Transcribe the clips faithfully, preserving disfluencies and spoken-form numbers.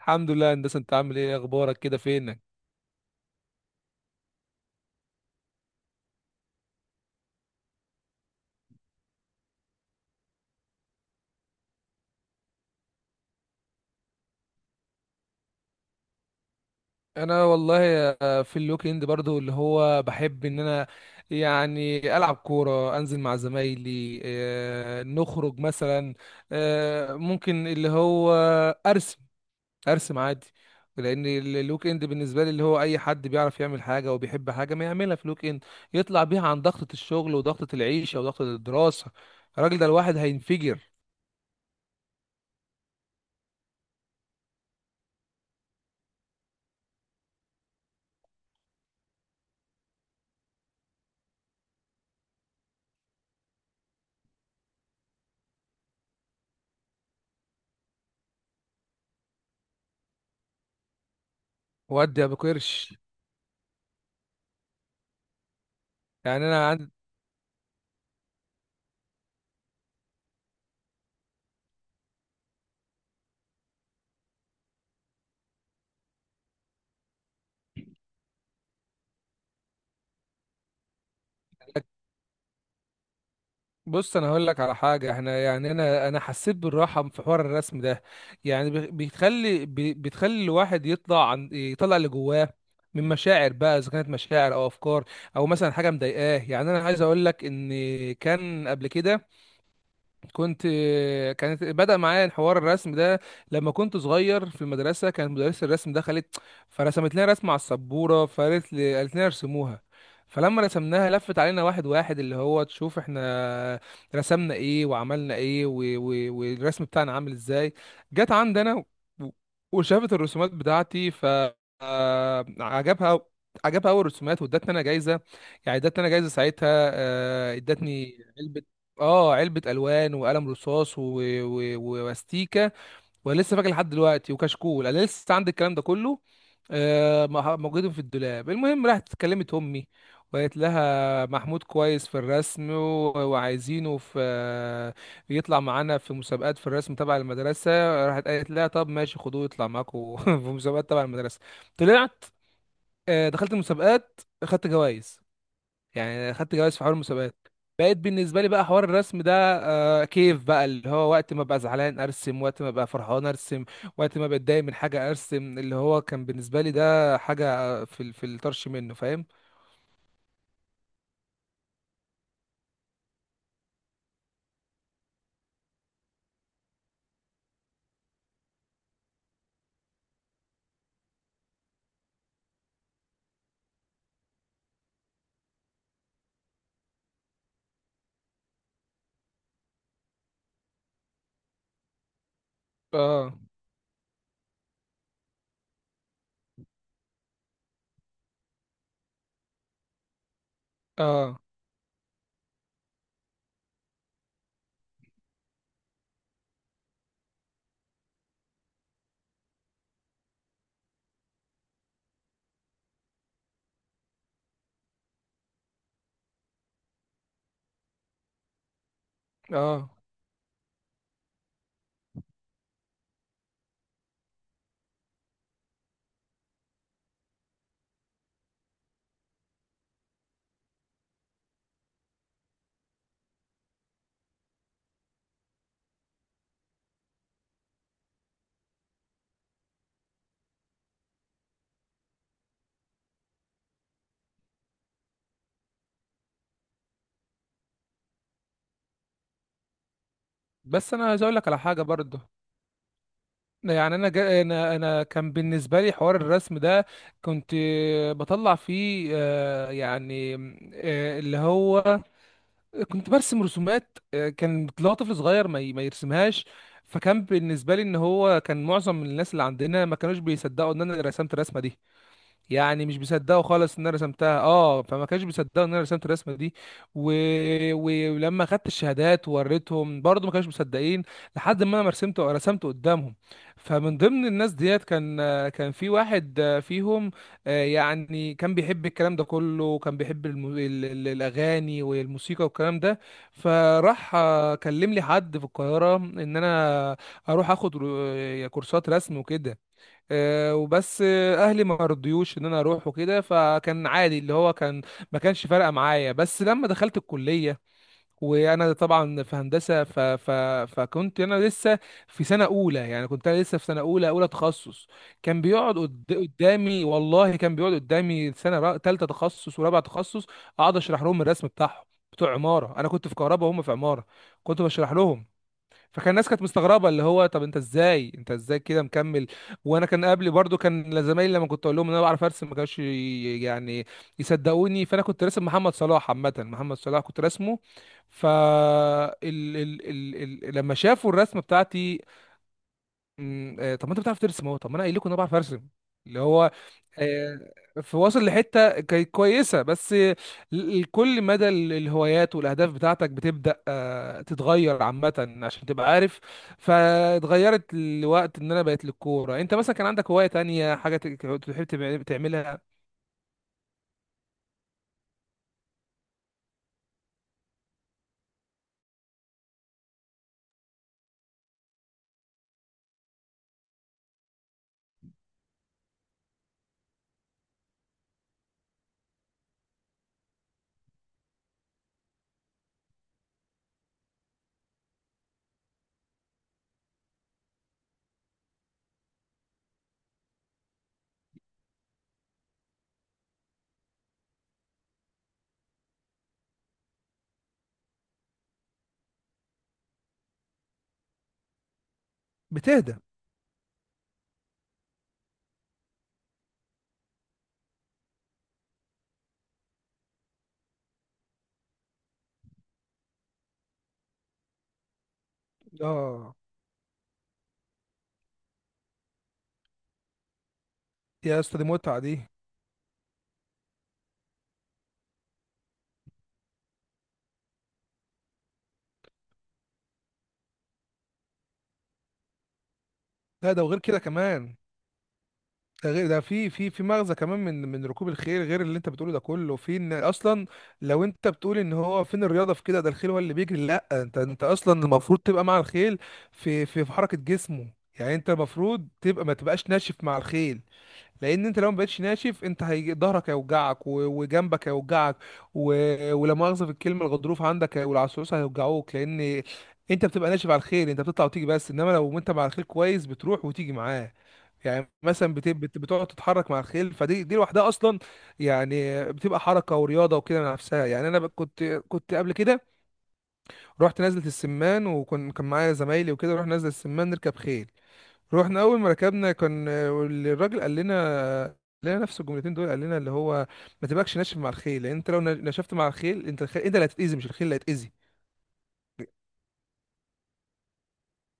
الحمد لله يا هندسه. انت عامل ايه؟ اخبارك كده، فينك؟ انا والله، آه، في الويك اند برضو اللي هو بحب ان انا يعني العب كوره، انزل مع زمايلي، آه، نخرج مثلا، آه، ممكن اللي هو ارسم. ارسم عادي. لان ال- الويك اند بالنسبه لي، اللي هو اي حد بيعرف يعمل حاجه وبيحب حاجه ما يعملها في الويك اند، يطلع بيها عن ضغطه الشغل وضغطه العيشه وضغطه الدراسه. الراجل ده الواحد هينفجر. وادي يا ابو قرش. يعني انا عندي. بص، انا هقول لك على حاجه. احنا يعني انا انا حسيت بالراحه في حوار الرسم ده. يعني بي- بيخلي بي- بتخلي الواحد يطلع عن يطلع اللي جواه من مشاعر بقى، اذا كانت مشاعر او افكار، او مثلا حاجه مضايقاه. يعني انا عايز اقول لك ان كان قبل كده، كنت، كانت بدأ معايا حوار الرسم ده لما كنت صغير في المدرسة. كانت مدرسة الرسم دخلت، فرسمت لنا رسمة على السبورة، فقالت لي، قالت لنا ارسموها. فلما رسمناها لفت علينا واحد واحد، اللي هو تشوف احنا رسمنا ايه وعملنا ايه، و... و... والرسم بتاعنا عامل ازاي. جت عندنا و... وشافت الرسومات بتاعتي. ف آه، عجبها عجبها اول رسومات، وادتني انا جايزه. يعني ادتني انا جايزه ساعتها، آه، ادتني علبه. اه علبة الوان وقلم رصاص و... و... و- واستيكة. وانا لسه فاكر لحد دلوقتي، وكشكول انا لسه عندي الكلام ده كله، آه، مح- موجودين في الدولاب. المهم، راحت كلمت امي، وقالت لها محمود كويس في الرسم، و... وعايزينه في، آه، يطلع معانا في مسابقات في الرسم تبع المدرسة. راحت قالت لها طب ماشي، خدوه يطلع معاكم في مسابقات تبع المدرسة. طلعت، آه، دخلت المسابقات، خدت جوائز. يعني خدت جوائز في حوار المسابقات. بقيت بالنسبه لي بقى حوار الرسم ده، آه كيف بقى، اللي هو وقت ما ابقى زعلان ارسم، وقت ما ابقى فرحان ارسم، وقت ما بتضايق من حاجه ارسم. اللي هو كان بالنسبه لي ده حاجه، آه، في ال- في الطرش منه، فاهم؟ اه. اه. اه. بس انا عايز اقول لك على حاجه برضه. يعني انا جا انا انا كان بالنسبه لي حوار الرسم ده. كنت بطلع فيه آه يعني، آه اللي هو كنت برسم رسومات، آه، كان اللي هو طفل صغير ما ي- ما يرسمهاش. فكان بالنسبه لي ان هو كان معظم الناس اللي عندنا ما كانوش بيصدقوا ان انا اللي رسمت الرسمه دي. يعني مش بيصدقوا خالص ان انا رسمتها. اه، فما كانش بيصدقوا ان انا رسمت الرسمه دي و... و- ولما خدت الشهادات ووريتهم برضو ما كانوش مصدقين، لحد ما انا رسمت رسمت قدامهم. فمن ضمن الناس ديت كان كان في واحد فيهم، آه، يعني كان بيحب الكلام ده كله، وكان بيحب الم... ال- ال- الاغاني والموسيقى والكلام ده. فراح آه، كلم لي حد في القاهره ان انا اروح اخد رو- كورسات رسم وكده. آه، وبس آه، اهلي ما رضيوش ان انا اروح وكده، فكان عادي اللي هو كان. ما كانش فارقه معايا. بس لما دخلت الكليه، وانا طبعا في هندسه، ف... ف... فكنت انا لسه في سنه اولى. يعني كنت انا لسه في سنه اولى اولى تخصص. كان بيقعد قد... قدامي. والله كان بيقعد قدامي سنه رأ... تالته تخصص ورابعه تخصص. اقعد اشرح لهم الرسم بتاعهم بتوع عماره. انا كنت في كهرباء وهم في عماره، كنت بشرح لهم. فكان الناس كانت مستغربه، اللي هو طب انت ازاي انت ازاي كده مكمل. وانا كان قبلي برضو كان زمايلي، لما كنت اقول لهم ان انا بعرف ارسم ما كانوش ي- يعني يصدقوني. فانا كنت راسم محمد صلاح، عامه محمد صلاح كنت راسمه. ف ال... ال... ال... ال... لما شافوا الرسمه بتاعتي، مم، آه، طب ما انت بتعرف ترسم اهو. طب ما انا قايل لكم ان انا بعرف ارسم. اللي هو، آه، فواصل لحته كانت كويسه. بس ال- ال- كل مدى ال- الهوايات والاهداف بتاعتك بتبدا آه، تتغير عامه عشان تبقى عارف. فاتغيرت الوقت ان انا بقيت للكوره. انت مثلا كان عندك هوايه تانية، حاجه ت- تحب تبع- تعملها؟ بتهدى. اه. يا اسطى، دي متعه دي. لا، ده وغير كده كمان. ده غير ده، في في في مغزى كمان من من ركوب الخيل غير اللي انت بتقوله ده كله، في ان اصلا لو انت بتقول ان هو فين الرياضه في كده، ده الخيل هو اللي بيجري. لا، انت انت اصلا المفروض تبقى مع الخيل في في في حركه جسمه. يعني انت المفروض تبقى، ما تبقاش ناشف مع الخيل. لان انت لو ما بقتش ناشف، انت هي ظهرك هيوجعك، و- وجنبك هيوجعك، و- ولا مؤاخذه في الكلمه، الغضروف عندك، هي- والعصعوصه هيوجعوك. لان انت بتبقى ناشف على الخيل، انت بتطلع وتيجي بس. انما لو انت مع الخيل كويس، بتروح وتيجي معاه. يعني مثلا بت- بت- بتقعد تتحرك مع الخيل. فدي دي لوحدها اصلا يعني بتبقى حركه ورياضه وكده نفسها. يعني انا ب- كنت، كنت قبل كده، رحت نزله السمان. وكان كان معايا زمايلي وكده، رحنا نزله السمان نركب خيل. رحنا اول ما ركبنا، كان الراجل قال لنا، قال لنا نفس الجملتين دول. قال لنا اللي هو ما تبقاش ناشف مع الخيل، لان انت لو نشفت مع الخيل انت، الخيل انت اللي هتتاذي مش الخيل اللي هيتاذي.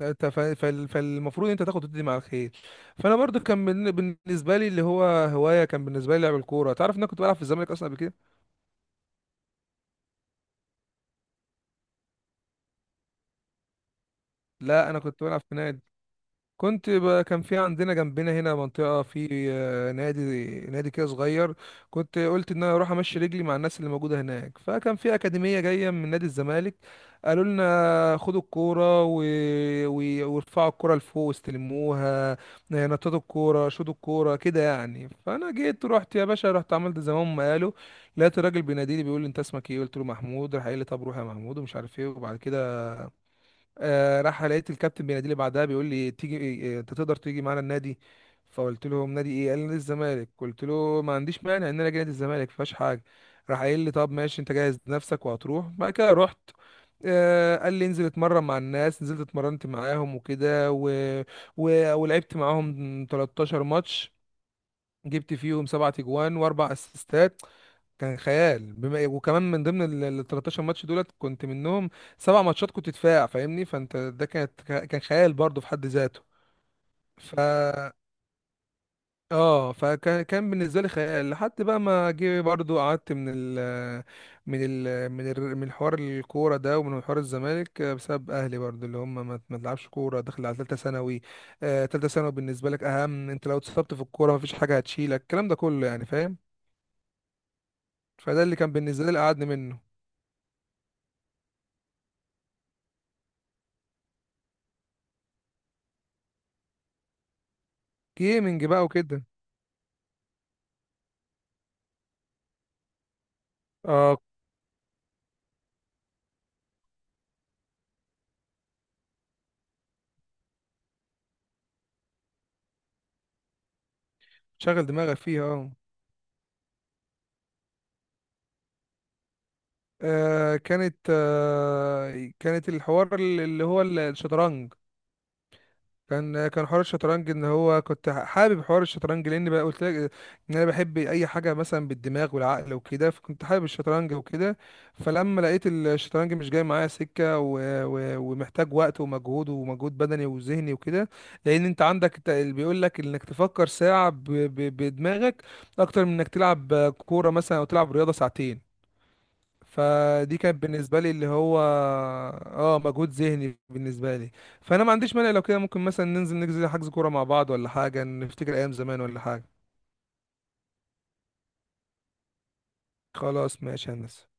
انت ف- فال- فالمفروض انت تاخد وتدي مع الخير. فانا برضو كان بال- بالنسبه لي اللي هو هوايه، كان بالنسبه لي لعب الكوره. تعرف ان انا كنت بلعب في الزمالك اصلا قبل كده. لا، انا كنت بلعب في نادي. كنت ب... كان في عندنا جنبنا هنا منطقة في، آه، نادي. نادي كده صغير، كنت قلت ان انا اروح امشي رجلي مع الناس اللي موجودة هناك. فكان في أكاديمية جاية من نادي الزمالك. قالوا لنا خدوا الكورة و... و... وارفعوا الكورة لفوق واستلموها. نططوا الكورة، شوطوا الكورة كده يعني. فانا جيت، رحت يا باشا، رحت عملت زي ما هم قالوا. لقيت الراجل بيناديلي، بيقول لي انت اسمك ايه؟ قلت له محمود. راح قال لي طب روح يا محمود ومش عارف ايه. وبعد كده آه راح لقيت الكابتن بيناديلي بعدها، بيقول لي تيجي آه، انت تقدر تيجي معانا النادي؟ فقلت له نادي ايه؟ قال لي نادي الزمالك. قلت له ما عنديش مانع ان انا اجي نادي الزمالك، مفيهاش حاجه. راح قايل لي طب ماشي، انت جاهز نفسك وهتروح. بعد كده رحت، آه، قال لي انزل اتمرن مع الناس. نزلت اتمرنت معاهم وكده، و... و... ولعبت معاهم تلتاشر ماتش. جبت فيهم سبعة اجوان واربع اسيستات. كان خيال، بما إيه، وكمان من ضمن ال تلتاشر ماتش دولت كنت منهم سبع ماتشات كنت دفاع، فاهمني؟ فانت ده، كانت كان خيال برضه في حد ذاته. ف اه فكان، كان بالنسبه لي خيال لحد بقى ما جه برضه. قعدت من ال من ال من ال من حوار الكوره ده ومن حوار الزمالك بسبب اهلي برضه، اللي هم ما ما تلعبش كوره داخل على ثالثه ثانوي. آه، ثالثه ثانوي بالنسبه لك اهم. انت لو اتصبت في الكوره مفيش حاجه هتشيلك، الكلام ده كله يعني فاهم. فده اللي كان بالنسبه لي اللي قعدني منه. جيمنج بقى وكده. اه. شغل دماغك فيها. اه، آه، كانت، آه كانت الحوار اللي هو ال- الشطرنج. كان كان حوار الشطرنج ان هو كنت حابب حوار الشطرنج، لان بقى قلت لك آه، ان انا بحب اي حاجه مثلا بالدماغ والعقل وكده، فكنت حابب الشطرنج وكده. فلما لقيت الشطرنج مش جاي معايا سكه، و... و... ومحتاج وقت ومجهود، ومجهود بدني وذهني وكده. لان انت عندك الت- اللي بيقول لك انك تفكر ساعه ب... ب... بدماغك اكتر من انك تلعب كوره مثلا او تلعب رياضه ساعتين. فدي كانت بالنسبة لي اللي هو، اه، مجهود ذهني بالنسبة لي. فأنا ما عنديش مانع لو كده. ممكن مثلا ننزل نجزي حجز كورة مع بعض، ولا حاجة، نفتكر أيام زمان ولا حاجة. خلاص ماشي يا هندسة.